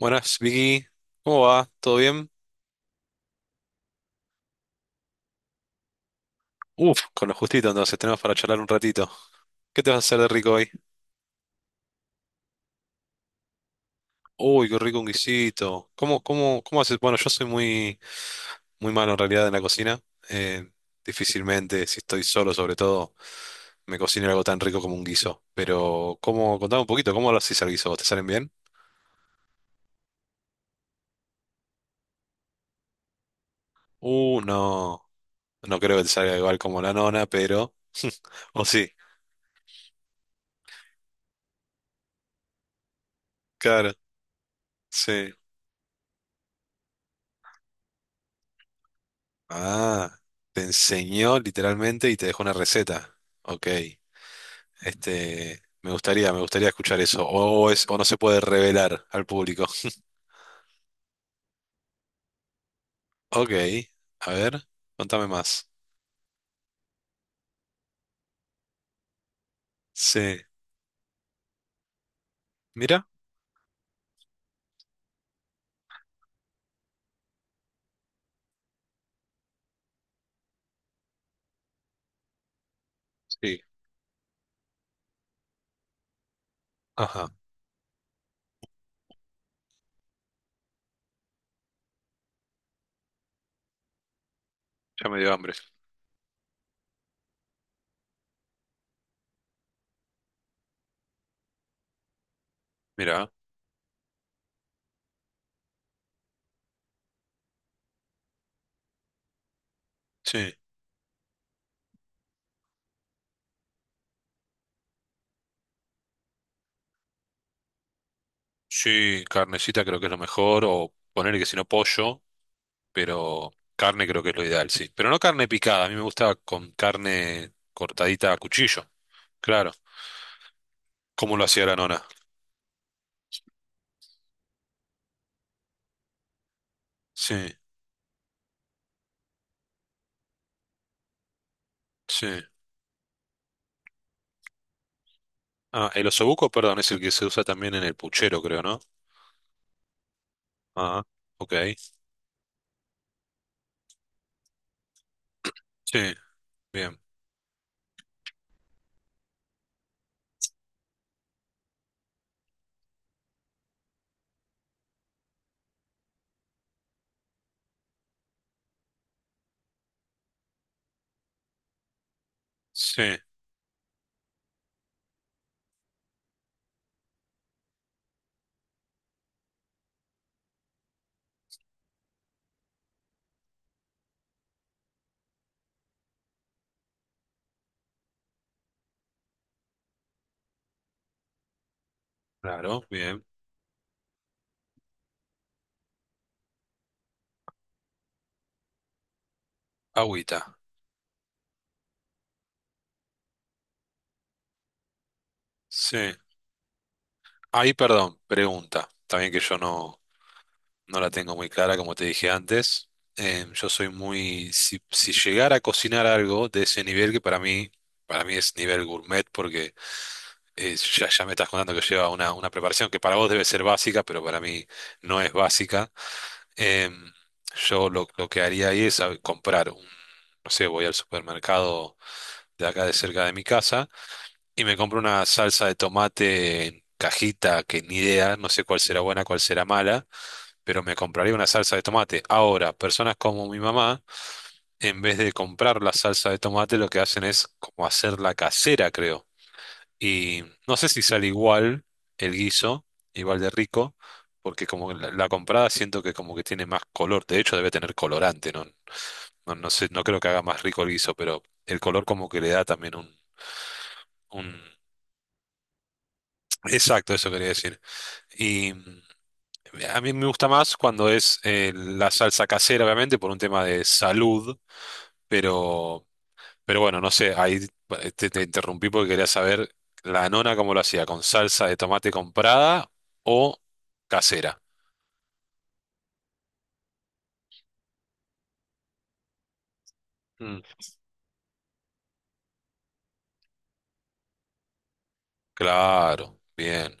Buenas, Vicky. ¿Cómo va? ¿Todo bien? Uf, con lo justito entonces tenemos para charlar un ratito. ¿Qué te vas a hacer de rico hoy? Uy, qué rico un guisito. ¿Cómo haces? Bueno, yo soy muy, muy malo en realidad en la cocina. Eh, Difícilmente, si estoy solo sobre todo, me cocino algo tan rico como un guiso. Pero, ¿cómo? Contame un poquito, ¿cómo lo haces al guiso? ¿Vos te salen bien? Uh, no, no creo que te salga igual como la nona, pero... O sí, claro, sí. Ah, te enseñó literalmente y te dejó una receta. Ok, este, me gustaría escuchar eso. O es, o no se puede revelar al público. Ok, a ver, contame más. Sí, mira, sí, ajá, ya me dio hambre. Mira, sí, sí, carnecita creo que es lo mejor, o poner que si no pollo, pero carne creo que es lo ideal, sí. Pero no carne picada, a mí me gusta con carne cortadita a cuchillo, claro. ¿Cómo lo hacía la nona? Sí, sí. Ah, el osobuco, perdón, es el que se usa también en el puchero, creo, ¿no? Ah, ok. Sí, bien. Sí, claro, bien. Agüita. Sí. Ahí, perdón, pregunta. También que yo no, no la tengo muy clara, como te dije antes. Yo soy muy. Si, si llegara a cocinar algo de ese nivel, que para mí es nivel gourmet, porque ya, ya me estás contando que lleva una preparación que para vos debe ser básica, pero para mí no es básica. Em, yo lo que haría ahí es a ver, comprar no sé, voy al supermercado de acá de cerca de mi casa y me compro una salsa de tomate en cajita que ni idea, no sé cuál será buena, cuál será mala, pero me compraría una salsa de tomate. Ahora, personas como mi mamá, en vez de comprar la salsa de tomate, lo que hacen es como hacerla casera, creo. Y no sé si sale igual el guiso, igual de rico. Porque como la comprada siento que como que tiene más color, de hecho debe tener colorante, ¿no? No, no sé, no creo que haga más rico el guiso, pero el color como que le da también un... Exacto, eso quería decir. Y mm, a mí me gusta más cuando es la salsa casera, obviamente, por un tema de salud, pero, pero bueno, no sé, ahí te interrumpí porque quería saber la nona cómo lo hacía, con salsa de tomate comprada o casera. Mm, claro, bien,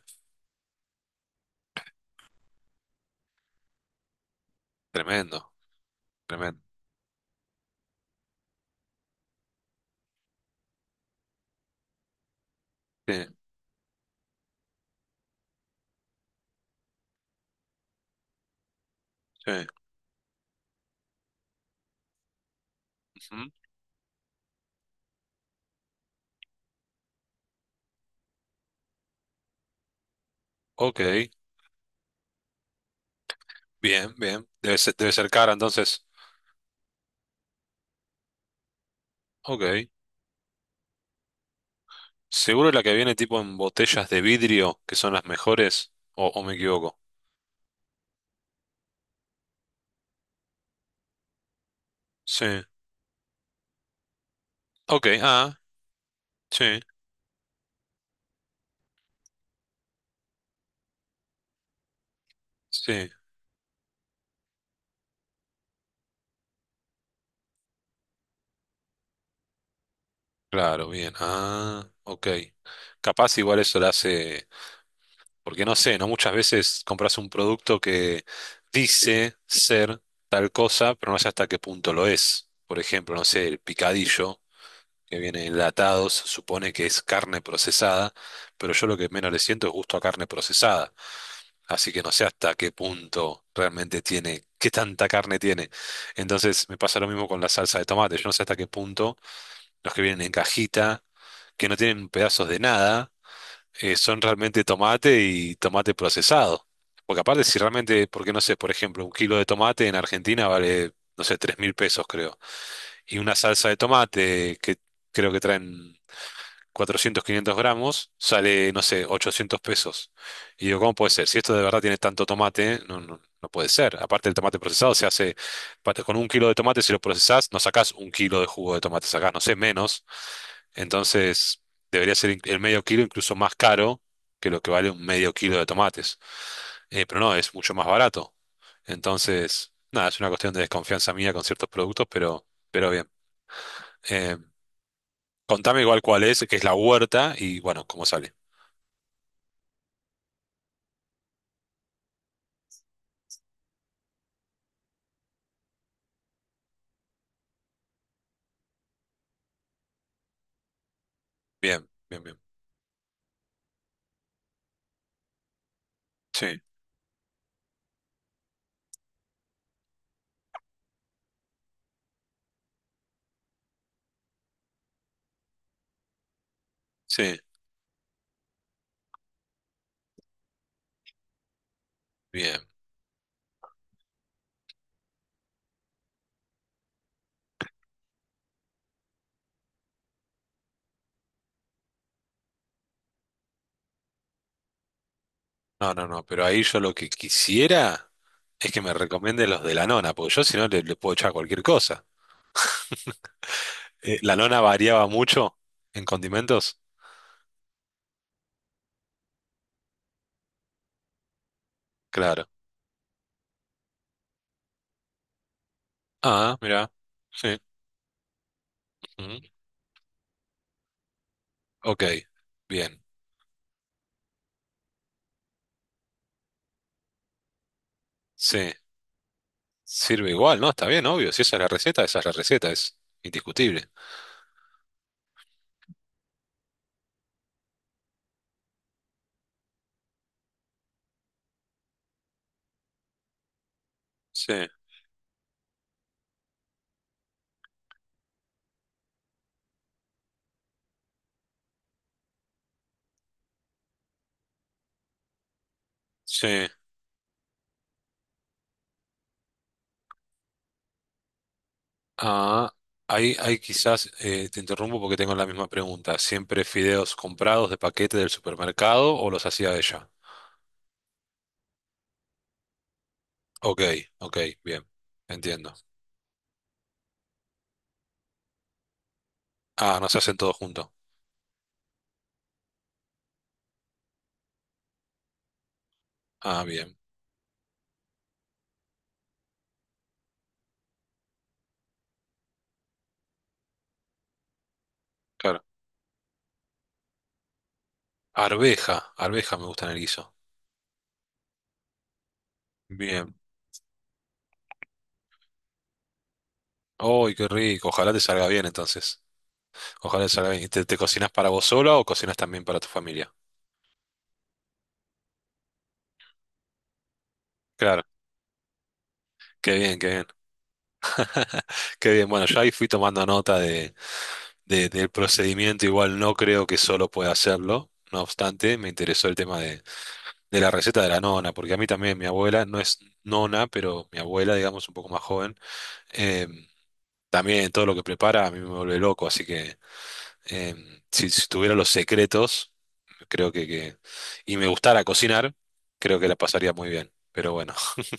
tremendo, tremendo. Sí, sí, ujú. Ok, bien, bien. Debe ser cara entonces. Ok. Seguro la que viene tipo en botellas de vidrio, que son las mejores, o me equivoco. Sí. Ok, ah, sí, sí. Claro, bien. Ah, ok. Capaz igual eso la hace, porque no sé, ¿no? Muchas veces compras un producto que dice ser tal cosa, pero no sé hasta qué punto lo es. Por ejemplo, no sé, el picadillo, que viene enlatado, se supone que es carne procesada, pero yo lo que menos le siento es gusto a carne procesada. Así que no sé hasta qué punto realmente tiene, qué tanta carne tiene. Entonces me pasa lo mismo con la salsa de tomate. Yo no sé hasta qué punto los que vienen en cajita, que no tienen pedazos de nada, son realmente tomate y tomate procesado. Porque aparte, si realmente, porque no sé, por ejemplo, un kilo de tomate en Argentina vale, no sé, 3.000 pesos creo. Y una salsa de tomate que creo que traen 400 500 gramos, sale, no sé, 800 pesos. Y digo, ¿cómo puede ser? Si esto de verdad tiene tanto tomate, no, no, no puede ser. Aparte el tomate procesado se hace, con un kilo de tomate, si lo procesás, no sacás un kilo de jugo de tomate, sacás, no sé, menos. Entonces, debería ser el medio kilo incluso más caro que lo que vale un medio kilo de tomates. Pero no, es mucho más barato. Entonces, nada, es una cuestión de desconfianza mía con ciertos productos, pero bien. Eh, Contame igual cuál es, que es la huerta y bueno, cómo sale. Bien, bien, bien. Sí, sí, bien. No, no, no, pero ahí yo lo que quisiera es que me recomiende los de la nona, porque yo si no le, le puedo echar cualquier cosa. La nona variaba mucho en condimentos, claro. Ah, mira, sí. Ujú, ok, bien. Sí, sirve igual, ¿no? Está bien, obvio. Si esa es la receta, esa es la receta, es indiscutible. Sí, sí. Ah, ahí quizás te interrumpo porque tengo la misma pregunta. ¿Siempre fideos comprados de paquete del supermercado o los hacía ella? Ok, ok, bien, entiendo. Ah, no se hacen todos juntos. Ah, bien, claro. Arveja, arveja me gusta en el guiso. Bien. ¡Ay, qué rico! Ojalá te salga bien entonces. Ojalá te salga bien. ¿Y ¿Te, te cocinas para vos sola o cocinas también para tu familia? Claro, qué bien, qué bien. Qué bien, bueno, yo ahí fui tomando nota del procedimiento, igual no creo que solo pueda hacerlo. No obstante, me interesó el tema de la receta de la nona, porque a mí también mi abuela no es nona, pero mi abuela, digamos, un poco más joven, eh, también todo lo que prepara a mí me vuelve loco, así que si, si tuviera los secretos, creo que y me gustara cocinar, creo que la pasaría muy bien. Pero bueno,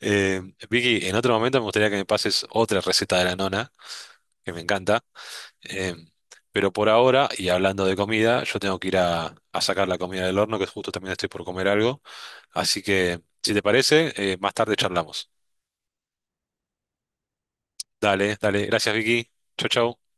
Eh, Vicky, en otro momento me gustaría que me pases otra receta de la nona, que me encanta. Em, pero por ahora, y hablando de comida, yo tengo que ir a sacar la comida del horno, que justo también estoy por comer algo. Así que, si te parece, más tarde charlamos. Dale, dale. Gracias, Vicky. Chau, chau.